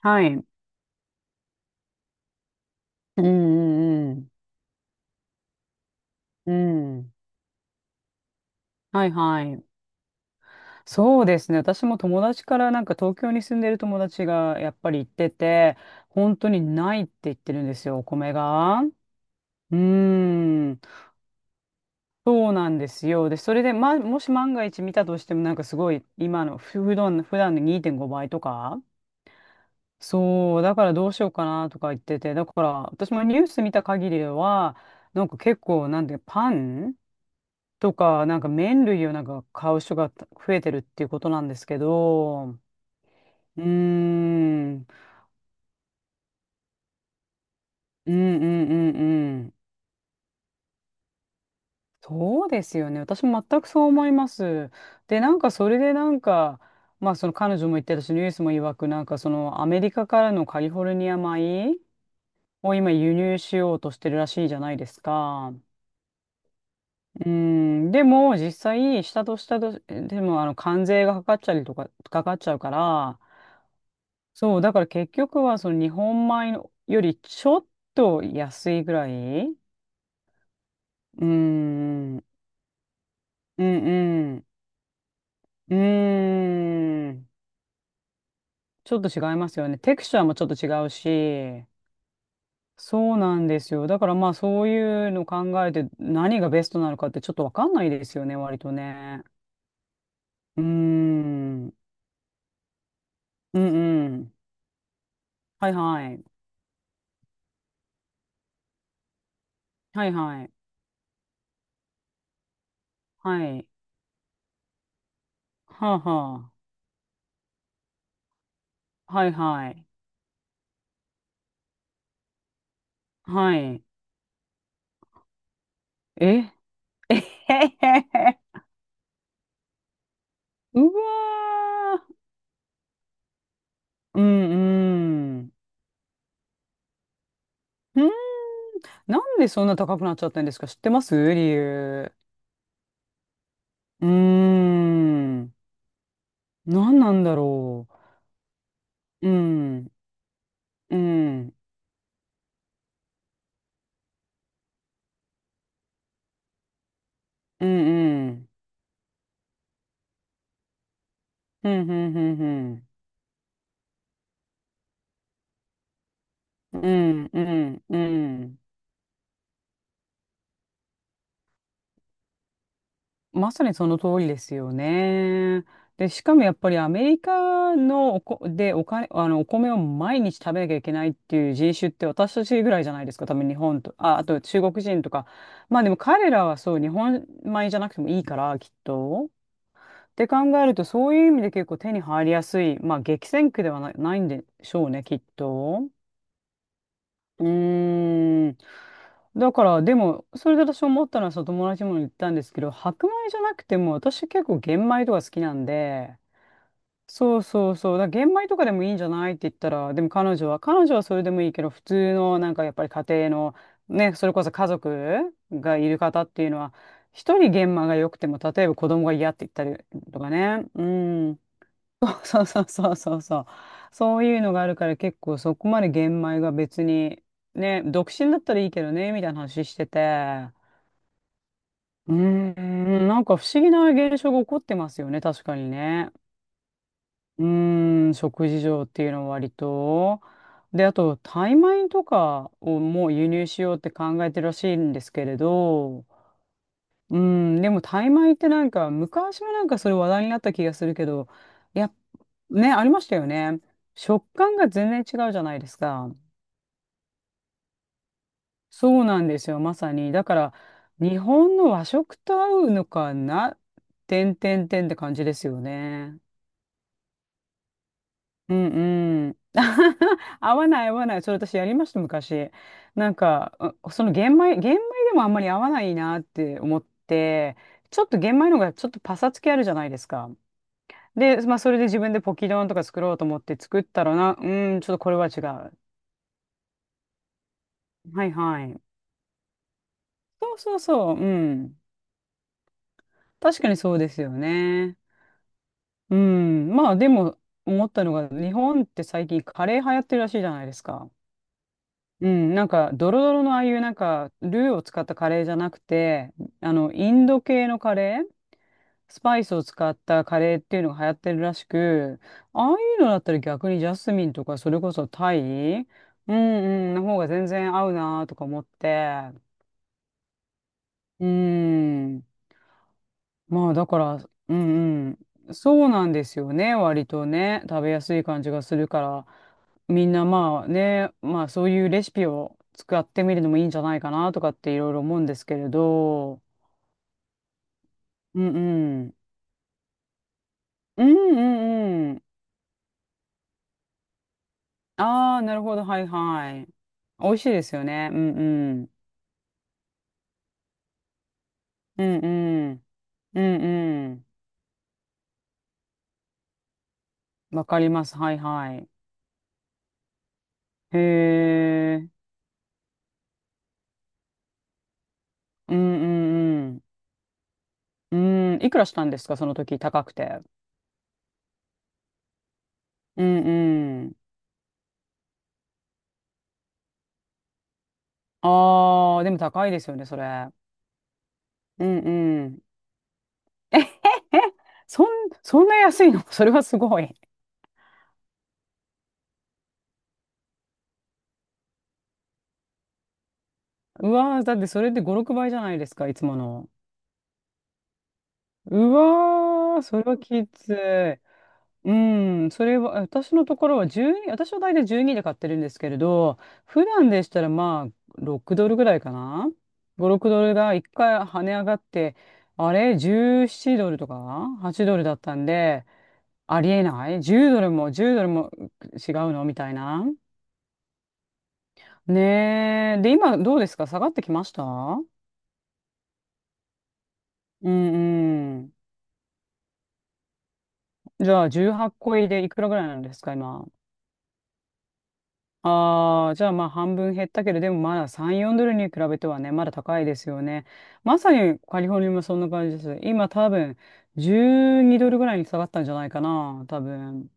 はい。うんうんうん。うん。はいはい。そうですね。私も友達からなんか東京に住んでる友達がやっぱり言ってて、本当にないって言ってるんですよ、お米が。うーん。そうなんですよ。で、それで、ま、もし万が一見たとしてもなんかすごい今のふ普段、普段の2.5倍とか。そう、だからどうしようかなとか言ってて、だから私もニュース見た限りでは、なんか結構なんでパンとか、なんか麺類をなんか買う人が増えてるっていうことなんですけど、うーん、うんうんうんうん。そうですよね。私も全くそう思います。で、なんかそれでなんか、まあその彼女も言ってたし、ニュースも曰く、なんかそのアメリカからのカリフォルニア米を今輸入しようとしてるらしいじゃないですか。うん、でも実際、下と下と、でもあの関税がかかっちゃりとか、かかっちゃうから、そう、だから結局はその日本米のよりちょっと安いぐらい。うーん、うんうん、うーん。ちょっと違いますよね。テクスチャーもちょっと違うし。そうなんですよ。だからまあそういうの考えて何がベストなのかってちょっとわかんないですよね、割とね。うーん、うんうん。はいはい。はいはい。はい。はあはあ。はいはい。はい。ええへへへへ うわー。うんうん。うん。なんでそんな高くなっちゃったんですか？知ってます？理由。うーん。なんなんだろう。うん。うん。うんうん。うんうんうんうん。うんうんうん。まさにその通りですよね。で、しかもやっぱりアメリカのおこ、でお金、あの、お米を毎日食べなきゃいけないっていう人種って私たちぐらいじゃないですか。多分日本と、あ、あと中国人とか。まあでも彼らはそう、日本米じゃなくてもいいから、きっと。って考えると、そういう意味で結構手に入りやすい。まあ激戦区ではな、ないんでしょうね、きっと。うーん。だから、でも、それで私思ったのは、その友達にも言ったんですけど、白米じゃなくても、私結構玄米とか好きなんで、そうそうそう、だから玄米とかでもいいんじゃないって言ったら、でも彼女はそれでもいいけど、普通のなんかやっぱり家庭の、ね、それこそ家族がいる方っていうのは、一人玄米が良くても、例えば子供が嫌って言ったりとかね、うん。そうそうそうそうそう。そういうのがあるから結構そこまで玄米が別に、ね、独身だったらいいけどね、みたいな話してて。うーん、なんか不思議な現象が起こってますよね、確かにね。うーん、食事上っていうのは割と。で、あと、タイ米とかをもう輸入しようって考えてるらしいんですけれど、うん、でもタイ米ってなんか昔もなんかそれ話題になった気がするけど、いや、ね、ありましたよね。食感が全然違うじゃないですか。そうなんですよ、まさに。だから日本の和食と合うのかな、てんてんてんって感じですよね。うんうん。合わない合わない。それ私やりました、昔。なんか、うその玄米でもあんまり合わないなって思って、ちょっと玄米の方がちょっとパサつきあるじゃないですか。で、まあ、それで自分でポキ丼とか作ろうと思って作ったらな、うーん、ちょっとこれは違う。はいはい。そうそうそう、うん。確かにそうですよね。うん。まあ、でも、思ったのが、日本って最近カレー流行ってるらしいじゃないですか。うん、なんか、ドロドロのああいう、なんか、ルーを使ったカレーじゃなくて、あの、インド系のカレースパイスを使ったカレーっていうのが流行ってるらしく、ああいうのだったら逆にジャスミンとかそれこそタイ、うんうん、の方が全然合うなーとか思って、うん、まあだから、うんうん、そうなんですよね、割とね、食べやすい感じがするから、みんなまあね、まあそういうレシピを使ってみるのもいいんじゃないかなとかっていろいろ思うんですけれど、うんうん、うんうんうん。ああ、なるほど。はいはい。美味しいですよね。うんうん。うんうん。うんうん。わかります。はいはい。へえ。うんうんうん。うん。いくらしたんですかその時、高くて。うんうん。ああ、でも高いですよね、それ。うんうん。えへへ。そん、そんな安いの？ それはすごい。うわー、だってそれで5、6倍じゃないですか、いつもの。うわー、それはきつい。うん、それは、私のところは12、私は大体12で買ってるんですけれど、普段でしたらまあ6ドルぐらいかな。5、6ドルが1回跳ね上がって、あれ、17ドルとか8ドルだったんで、ありえない？ 10 ドルも10ドルも違うのみたいな。ねえ。で、今どうですか？下がってきました？うんうん。じゃあ18個入りでいくらぐらいなんですか今？ああ、じゃあまあ半分減ったけど、でもまだ3、4ドルに比べてはね、まだ高いですよね。まさにカリフォルニアもそんな感じです。今多分12ドルぐらいに下がったんじゃないかな、多分。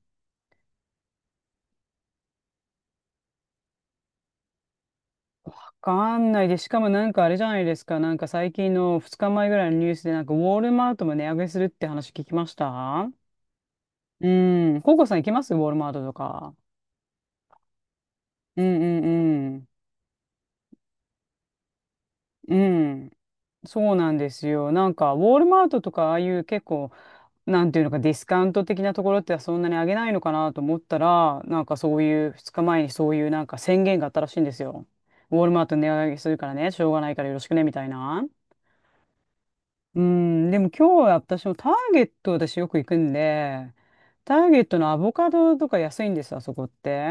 わかんないで、しかもなんかあれじゃないですか、なんか最近の2日前ぐらいのニュースでなんかウォールマートも値上げするって話聞きました。うん。ココさん行きます？ウォールマートとか。うんうんうん。うん。そうなんですよ。なんか、ウォールマートとか、ああいう結構、なんていうのか、ディスカウント的なところってそんなに上げないのかなと思ったら、なんかそういう2日前にそういうなんか宣言があったらしいんですよ。ウォルマート値上げするからね、しょうがないからよろしくね、みたいな。うん、でも今日は私もターゲット私よく行くんで、ターゲットのアボカドとか安いんですよ、あそこって。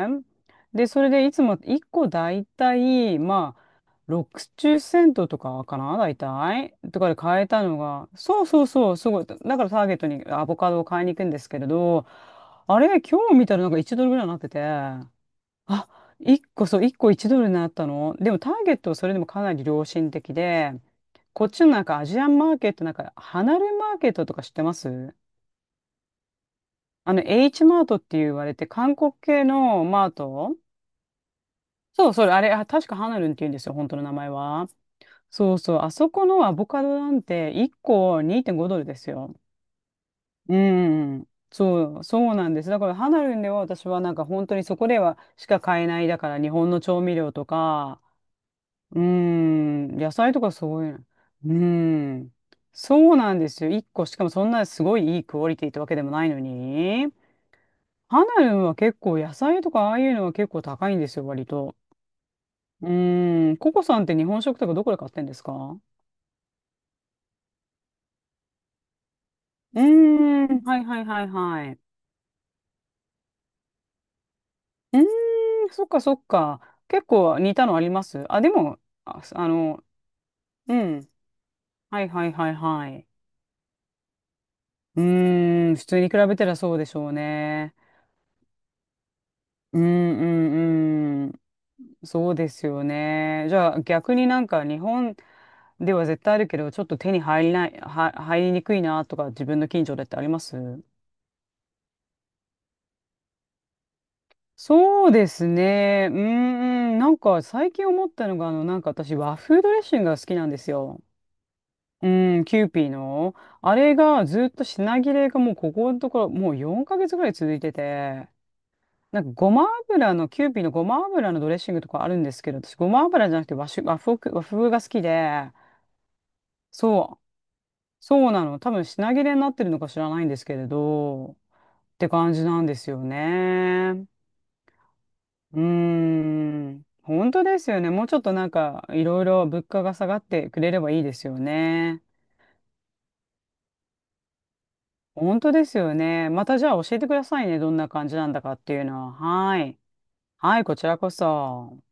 で、それでいつも1個だいたい、まあ、60セントとかかな大体とかで買えたのが、そうそうそう、すごい。だからターゲットにアボカドを買いに行くんですけれど、あれ、今日見たらなんか1ドルぐらいになってて、あ、1個そう、1個1ドルになったの。でもターゲットはそれでもかなり良心的で、こっちのなんかアジアンマーケット、なんか離れマーケットとか知ってます？あの、H マートって言われて、韓国系のマート。そう、それ、あれ、あ確かハナルンって言うんですよ、本当の名前は。そうそう、あそこのアボカドなんて1個2.5ドルですよ。うん。そう、そうなんです。だからハナルんでは私はなんか本当にそこではしか買えない。だから日本の調味料とか、うーん、野菜とかそういうの。うーん、そうなんですよ。1個しかもそんなすごいいいクオリティってわけでもないのに。ハナルンは結構野菜とかああいうのは結構高いんですよ、割と。うーん、ココさんって日本食とかどこで買ってんですか？うーん。はいはいはいはい。うーん、そっかそっか。結構似たのあります？あ、でも、あ、あの、うん。はいはいはいはい。うーん、普通に比べたらそうでしょうね。うんうんうん。そうですよね。じゃあ逆になんか日本では絶対あるけど、ちょっと手に入りにくいなとか自分の近所でってあります？そうですね。うーん、なんか最近思ったのが、あの、なんか私和風ドレッシングが好きなんですよ。うん、キューピーの。あれがずっと品切れがもうここのところもう4ヶ月ぐらい続いてて、なんかごま油の、キューピーのごま油のドレッシングとかあるんですけど、私ごま油じゃなくて和風が好きで、そう、そうなの。多分品切れになってるのか知らないんですけれど、って感じなんですよね。うーん、本当ですよね。もうちょっとなんかいろいろ物価が下がってくれればいいですよね。本当ですよね。またじゃあ教えてくださいね。どんな感じなんだかっていうのは。はい。はい、こちらこそ。